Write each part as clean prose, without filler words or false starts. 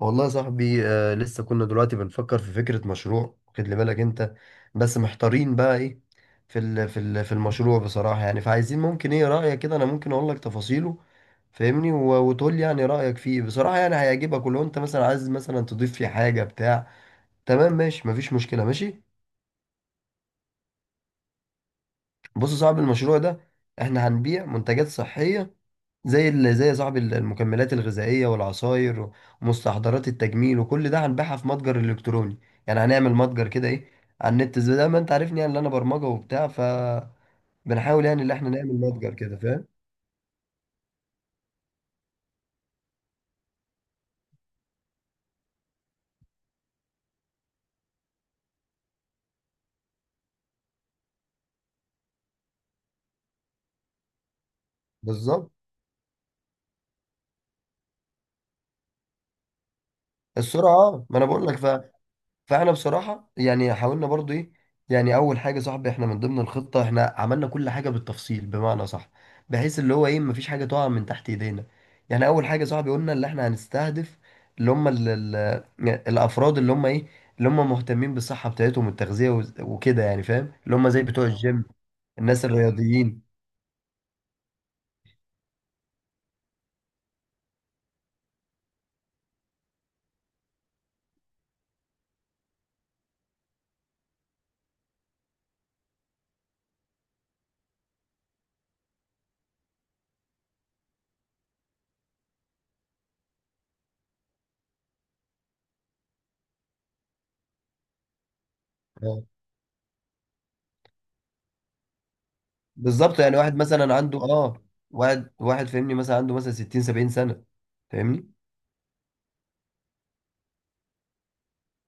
والله يا صاحبي آه لسه كنا دلوقتي بنفكر في فكرة مشروع، واخد لي بالك انت؟ بس محتارين بقى ايه في المشروع بصراحة، يعني فعايزين. ممكن ايه رأيك كده، انا ممكن اقول لك تفاصيله فاهمني وتقول لي يعني رأيك فيه بصراحة، يعني هيعجبك، ولو انت مثلا عايز مثلا تضيف فيه حاجة بتاع. تمام، ماشي، مفيش مشكلة، ماشي. بص يا صاحبي، المشروع ده احنا هنبيع منتجات صحية، زي يا صاحبي المكملات الغذائية والعصاير ومستحضرات التجميل، وكل ده هنبيعها في متجر إلكتروني. يعني هنعمل متجر كده، إيه، على النت، زي ده ما أنت عارفني يعني، اللي أنا برمجة وبتاع، فبنحاول يعني إن إحنا نعمل متجر كده، فاهم؟ بالظبط. السرعة، آه، ما أنا بقول لك. فاحنا بصراحة يعني حاولنا برضو ايه. يعني اول حاجة صاحبي، احنا من ضمن الخطة احنا عملنا كل حاجة بالتفصيل، بمعنى صح، بحيث اللي هو ايه مفيش حاجة تقع من تحت ايدينا. يعني اول حاجة صاحبي، قلنا اللي احنا هنستهدف اللي هم ال ال الافراد اللي هم ايه، اللي هم مهتمين بالصحة بتاعتهم والتغذية وكده يعني، فاهم، اللي هم زي بتوع الجيم، الناس الرياضيين. آه. بالظبط، يعني واحد مثلا عنده اه، واحد فاهمني، مثلا عنده مثلا 60 70 سنة، فاهمني،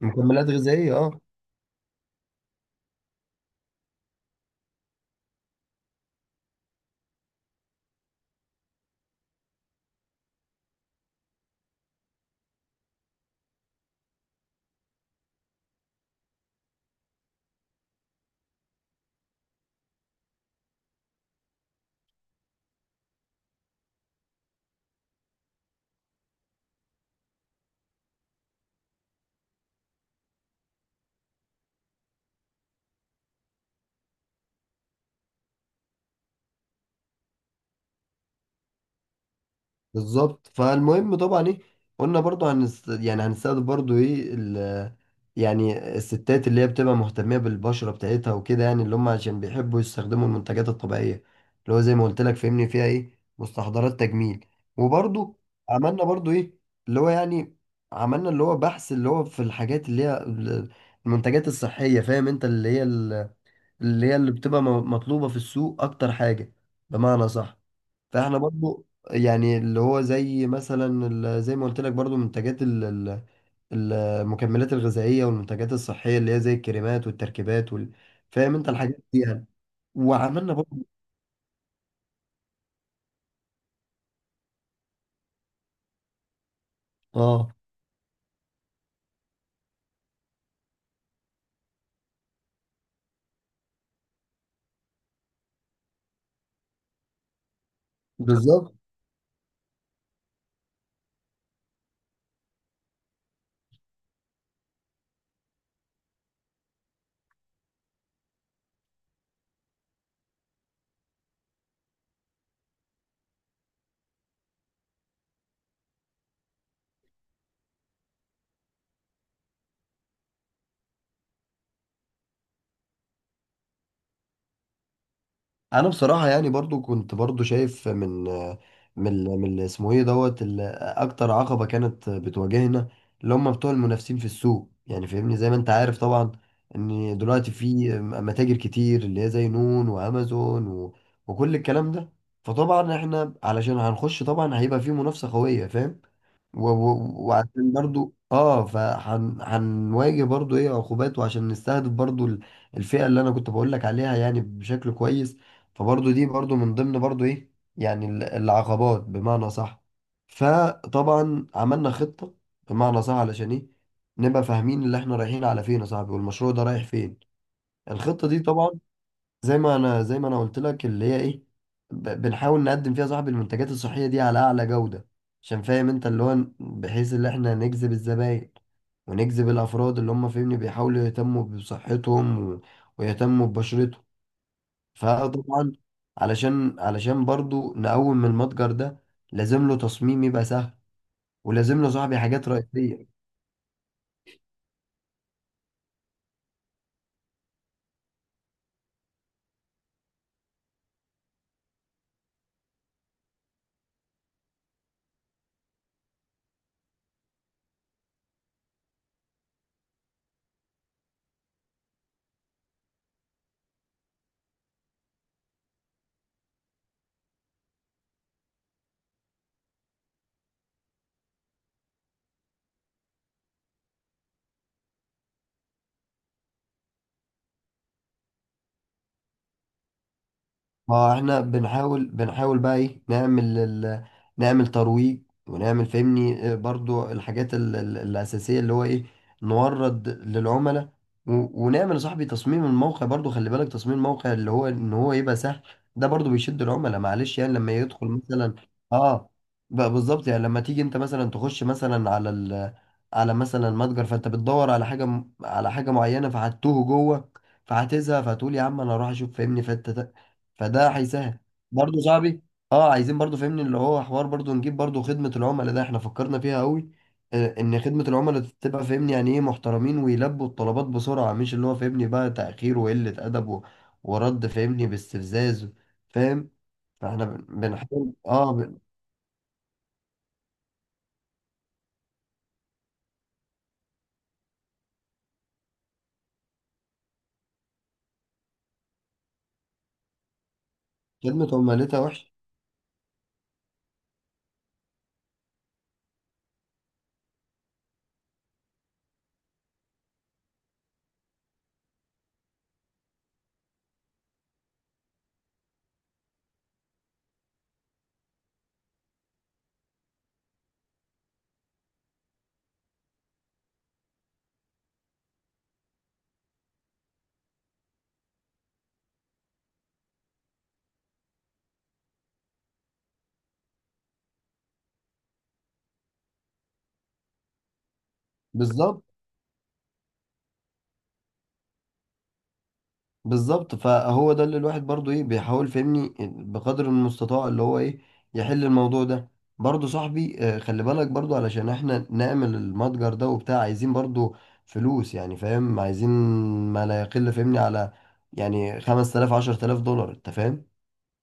مكملات غذائية، اه. بالظبط. فالمهم طبعا ايه، يعني هنستخدم برضو ايه، يعني الستات اللي هي بتبقى مهتمية بالبشرة بتاعتها، وكده يعني اللي هم عشان بيحبوا يستخدموا المنتجات الطبيعية، اللي هو زي ما قلت لك فهمني، فيها ايه، مستحضرات تجميل، وبرضو عملنا برضو ايه، اللي هو يعني عملنا اللي هو بحث، اللي هو في الحاجات اللي هي المنتجات الصحية، فاهم انت، اللي هي اللي هي اللي بتبقى مطلوبة في السوق اكتر حاجة، بمعنى صح. فاحنا برضو يعني اللي هو زي مثلا زي ما قلت لك برضو، منتجات المكملات الغذائية والمنتجات الصحية اللي هي زي الكريمات والتركيبات، فاهم انت الحاجات دي يعني. وعملنا برضو اه. بالظبط. انا بصراحه يعني برضو كنت برضو شايف من اسمه ايه دوت اكتر عقبه كانت بتواجهنا، اللي هم بتوع المنافسين في السوق يعني، فاهمني، زي ما انت عارف طبعا ان دلوقتي في متاجر كتير، اللي هي زي نون وامازون وكل الكلام ده. فطبعا احنا علشان هنخش طبعا هيبقى في منافسه قويه، فاهم، وعشان برضو اه فهنواجه برضو ايه عقوبات، وعشان نستهدف برضو الفئة اللي انا كنت بقول لك عليها يعني بشكل كويس. فبرضو دي برضو من ضمن برضو ايه، يعني العقبات، بمعنى صح. فطبعا عملنا خطة، بمعنى صح، علشان ايه نبقى فاهمين اللي احنا رايحين على فين يا صاحبي، والمشروع ده رايح فين. الخطة دي طبعا زي ما انا قلت لك اللي هي ايه، بنحاول نقدم فيها صاحب المنتجات الصحيه دي على اعلى جوده، عشان فاهم انت، اللي هو بحيث ان احنا نجذب الزباين، ونجذب الافراد اللي هم فاهمني بيحاولوا يهتموا بصحتهم ويهتموا ببشرتهم. فطبعا علشان برضو نقوم من المتجر ده لازم له تصميم يبقى سهل، ولازم له صاحبي حاجات رئيسيه. ما احنا بنحاول بقى ايه نعمل نعمل ترويج، ونعمل فهمني آه، برضو الحاجات الأساسية، اللي هو ايه نورد للعملاء، ونعمل يا صاحبي تصميم الموقع، برضو خلي بالك، تصميم الموقع اللي هو ان هو يبقى سهل، ده برضو بيشد العملاء، معلش يعني لما يدخل مثلا. اه. بقى بالظبط يعني لما تيجي انت مثلا تخش مثلا على على مثلا متجر، فانت بتدور على حاجة على حاجة معينة فهتوه جوه، فهتزهق، فهتقول يا عم انا اروح اشوف، فهمني فانت، فده هيسهل. برضه صاحبي، اه، عايزين برضه فهمني اللي هو حوار، برضه نجيب برضه خدمة العملاء ده احنا فكرنا فيها قوي. آه، ان خدمة العملاء تبقى فاهمني يعني ايه محترمين، ويلبوا الطلبات بسرعة، مش اللي هو فاهمني بقى تأخير وقلة أدب ورد فاهمني باستفزاز، فاهم. بنحاول اه خدمة عملتها وحش. بالظبط، بالظبط، فهو ده اللي الواحد برضو ايه بيحاول فهمني بقدر المستطاع اللي هو ايه يحل الموضوع ده. برضو صاحبي آه، خلي بالك برضو علشان احنا نعمل المتجر ده وبتاع، عايزين برضو فلوس يعني، فاهم، عايزين ما لا يقل فهمني على يعني 5,000 10,000 دولار، انت فاهم.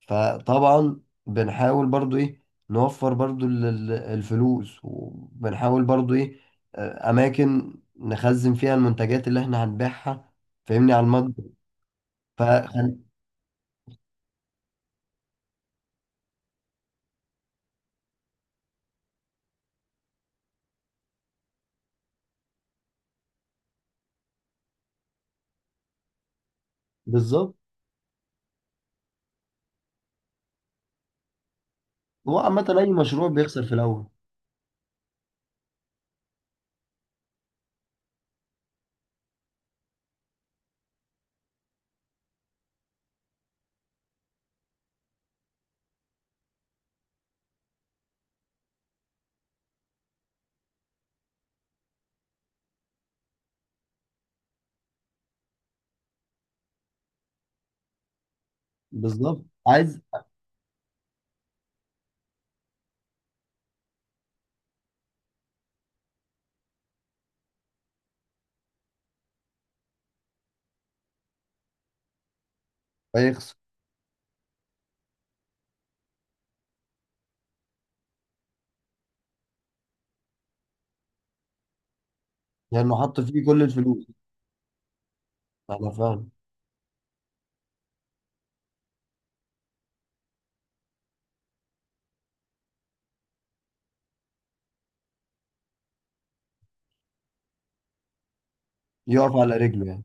فطبعا بنحاول برضو ايه نوفر برضو الفلوس، وبنحاول برضو ايه آه، اماكن نخزن فيها المنتجات اللي احنا هنبيعها، فاهمني، على المتجر. فخلي. بالظبط. هو عامة أي مشروع بيخسر في الأول. بالظبط. عايز. هيخسر لأنه حط فيه كل الفلوس. أنا فاهم. يقف على رجله يعني.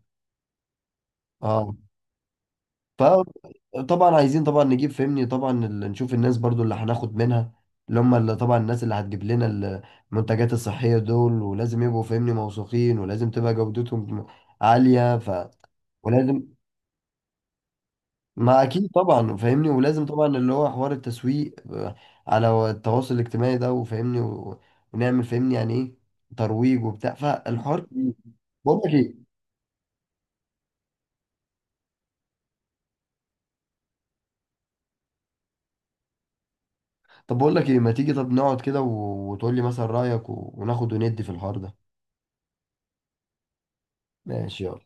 أه. فطبعا عايزين طبعا نجيب فهمني طبعا نشوف الناس برضو اللي هناخد منها، اللي هم اللي طبعا الناس اللي هتجيب لنا المنتجات الصحية دول، ولازم يبقوا فهمني موثوقين، ولازم تبقى جودتهم عالية. ف، ولازم، ما اكيد طبعا فاهمني، ولازم طبعا اللي هو حوار التسويق آه، على التواصل الاجتماعي ده، وفاهمني ونعمل فاهمني يعني ايه ترويج وبتاع، فالحوار كبير. بقول لك ايه، طب بقول لك ايه، ما تيجي طب نقعد كده وتقول لي مثلا رأيك وناخد وندي في الحوار ده. ماشي، يلا.